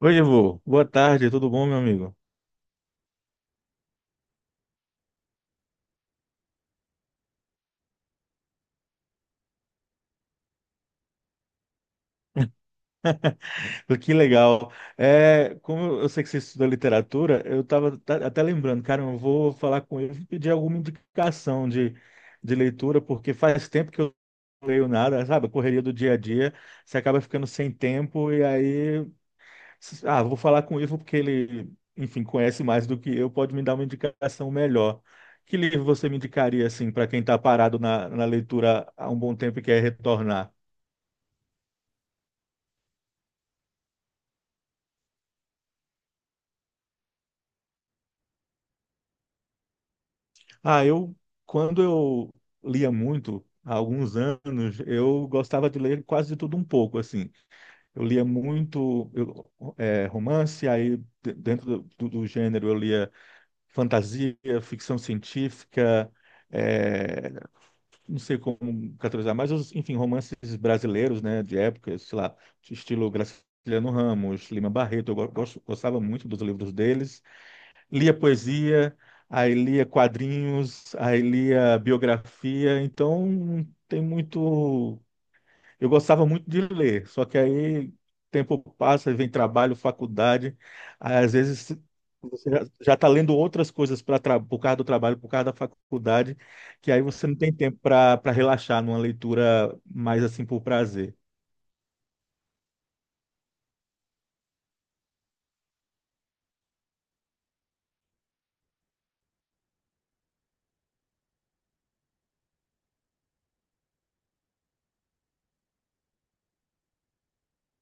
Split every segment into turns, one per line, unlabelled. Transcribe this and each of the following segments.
Oi, Ivo. Boa tarde, tudo bom, meu amigo? Que legal. É, como eu sei que você estuda literatura, eu estava até lembrando, cara, eu vou falar com ele e pedir alguma indicação de leitura, porque faz tempo que eu não leio nada, sabe? A correria do dia a dia, você acaba ficando sem tempo e aí, ah, vou falar com o Ivo porque ele, enfim, conhece mais do que eu, pode me dar uma indicação melhor. Que livro você me indicaria, assim, para quem está parado na leitura há um bom tempo e quer retornar? Ah, quando eu lia muito, há alguns anos, eu gostava de ler quase de tudo um pouco, assim. Eu lia muito romance, aí dentro do gênero eu lia fantasia, ficção científica, eh, não sei como categorizar, mas os, enfim, romances brasileiros, né, de época, sei lá, de estilo Graciliano Ramos, Lima Barreto, eu gostava muito dos livros deles lia poesia, aí lia quadrinhos, aí lia biografia, então tem muito. Eu gostava muito de ler, só que aí tempo passa, vem trabalho, faculdade, aí às vezes você já está lendo outras coisas para por causa do trabalho, por causa da faculdade, que aí você não tem tempo para relaxar numa leitura mais assim por prazer.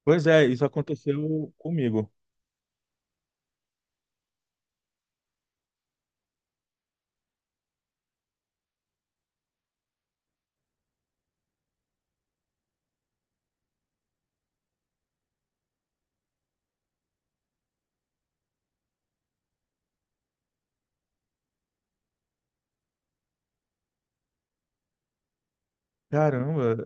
Pois é, isso aconteceu comigo. Caramba.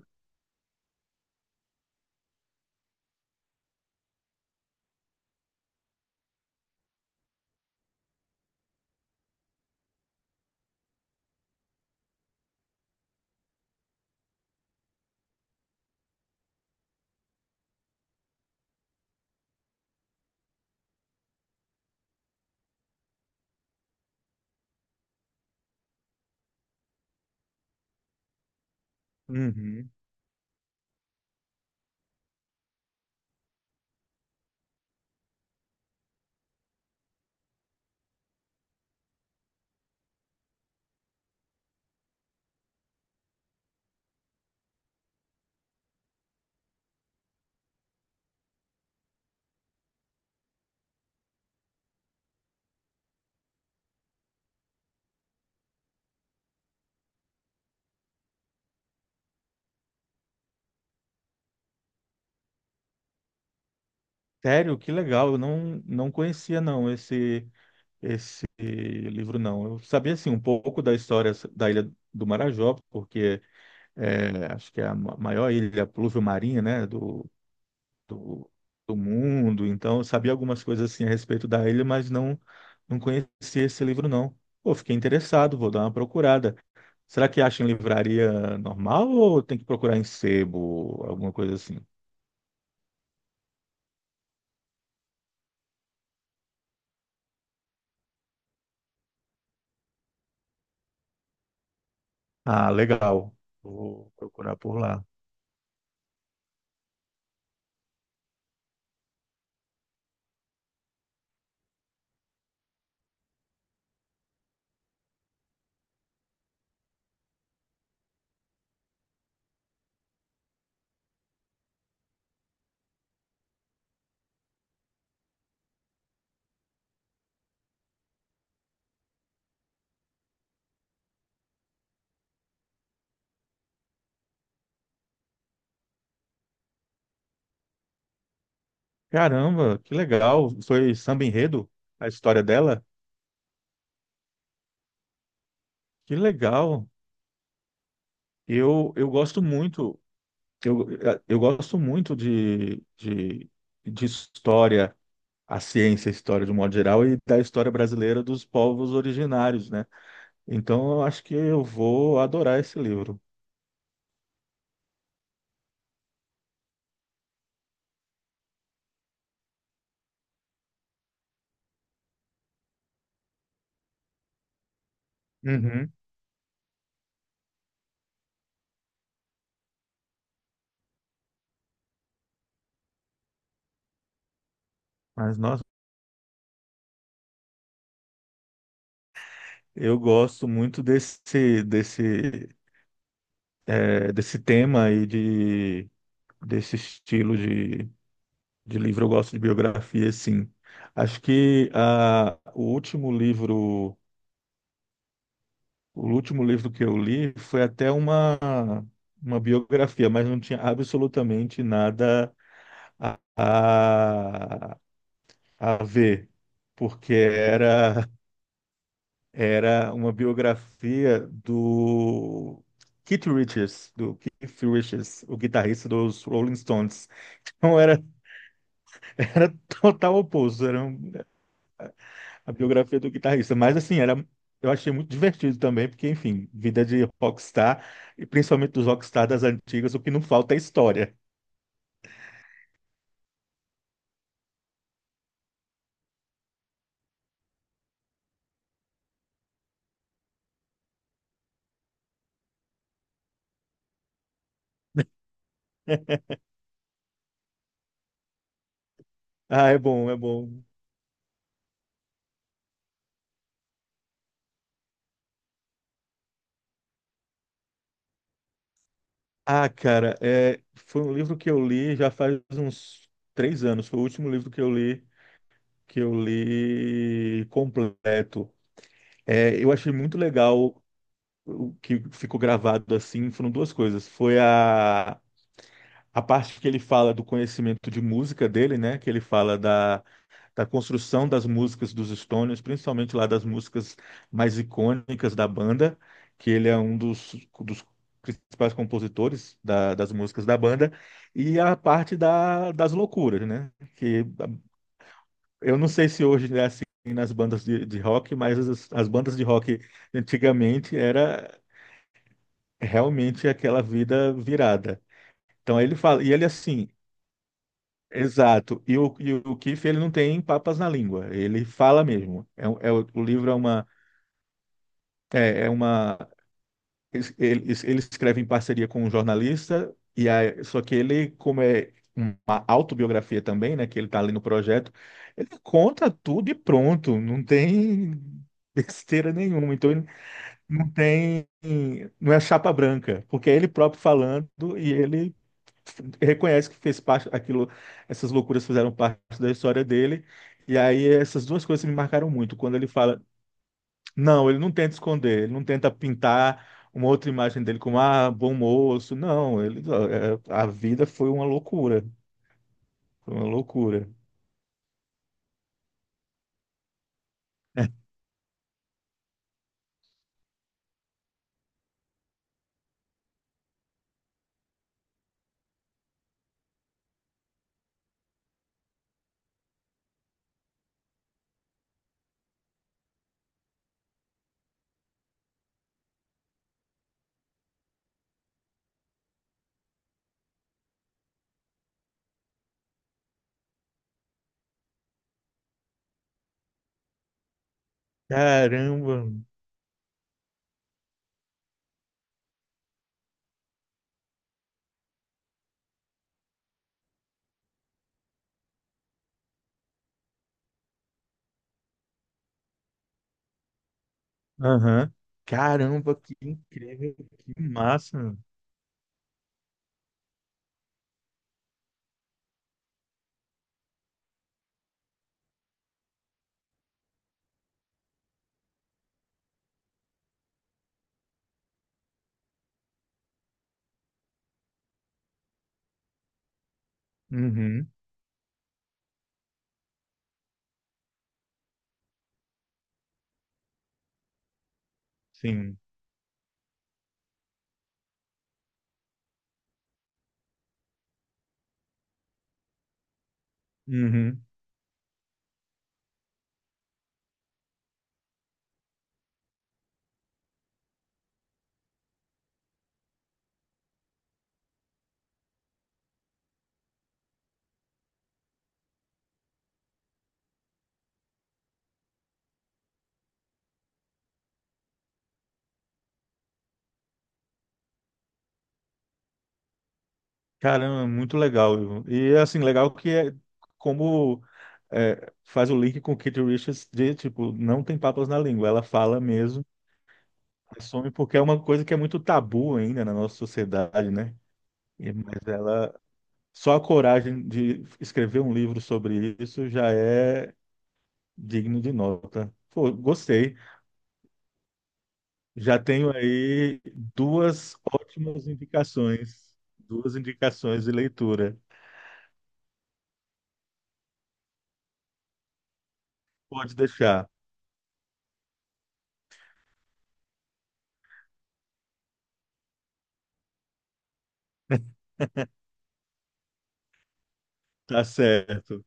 Uhum. Sério, que legal. Eu não conhecia não esse livro não. Eu sabia assim um pouco da história da Ilha do Marajó, porque é, acho que é a maior ilha pluvio-marinha, né, do, do mundo. Então, eu sabia algumas coisas assim a respeito da ilha, mas não conhecia esse livro não. Pô, fiquei interessado, vou dar uma procurada. Será que acha em livraria normal ou tem que procurar em sebo, alguma coisa assim? Ah, legal. Vou procurar por lá. Caramba, que legal. Foi samba enredo a história dela? Que legal. Eu gosto muito, eu, eu gosto muito de história, a ciência, a história de um modo geral, e da história brasileira dos povos originários, né? Então eu acho que eu vou adorar esse livro. Uhum. Mas, nossa, eu gosto muito desse tema e desse estilo De livro, eu gosto de biografia, sim. Acho que o último livro que eu li foi até uma biografia, mas não tinha absolutamente nada a, a ver, porque era uma biografia do Keith Richards, o guitarrista dos Rolling Stones. Então era, era total oposto, era a biografia do guitarrista. Mas assim, eu achei muito divertido também, porque, enfim, vida de rockstar, e principalmente dos rockstar das antigas, o que não falta é história. Ah, é bom, é bom. Ah, cara, foi um livro que eu li já faz uns 3 anos. Foi o último livro que eu li completo. É, eu achei muito legal o que ficou gravado assim. Foram duas coisas. Foi a parte que ele fala do conhecimento de música dele, né? Que ele fala da construção das músicas dos Stones, principalmente lá das músicas mais icônicas da banda, que ele é um dos principais compositores das músicas da banda, e a parte das loucuras, né? Que eu não sei se hoje é assim nas bandas de rock, mas as bandas de rock antigamente era realmente aquela vida virada. Então ele fala, e ele assim. Exato. E o Keith, ele não tem papas na língua, ele fala mesmo. O livro é uma, é, é uma, ele escreve em parceria com um jornalista, e aí, só que ele, como é uma autobiografia também, né, que ele está ali no projeto, ele conta tudo e pronto, não tem besteira nenhuma. Então ele não tem, não é chapa branca, porque é ele próprio falando e ele reconhece que fez parte aquilo, essas loucuras fizeram parte da história dele. E aí essas duas coisas me marcaram muito. Quando ele fala, não, ele não tenta esconder, ele não tenta pintar uma outra imagem dele como ah, bom moço. Não, ele ó, a vida foi uma loucura, foi uma loucura. Caramba. Aham. Caramba, que incrível, que massa. Uhum, sim. Uhum. Caramba, muito legal, viu? E assim, legal que é como é, faz o link com Kate Richards de, tipo, não tem papas na língua, ela fala mesmo, assume, porque é uma coisa que é muito tabu ainda na nossa sociedade, né? Mas ela, só a coragem de escrever um livro sobre isso já é digno de nota. Pô, gostei. Já tenho aí duas ótimas indicações, duas indicações de leitura. Pode deixar. Tá certo.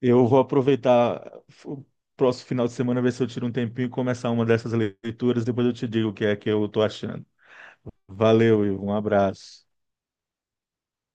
Eu vou aproveitar o próximo final de semana, ver se eu tiro um tempinho e começar uma dessas leituras. Depois eu te digo o que é que eu tô achando. Valeu, Ivo. Um abraço.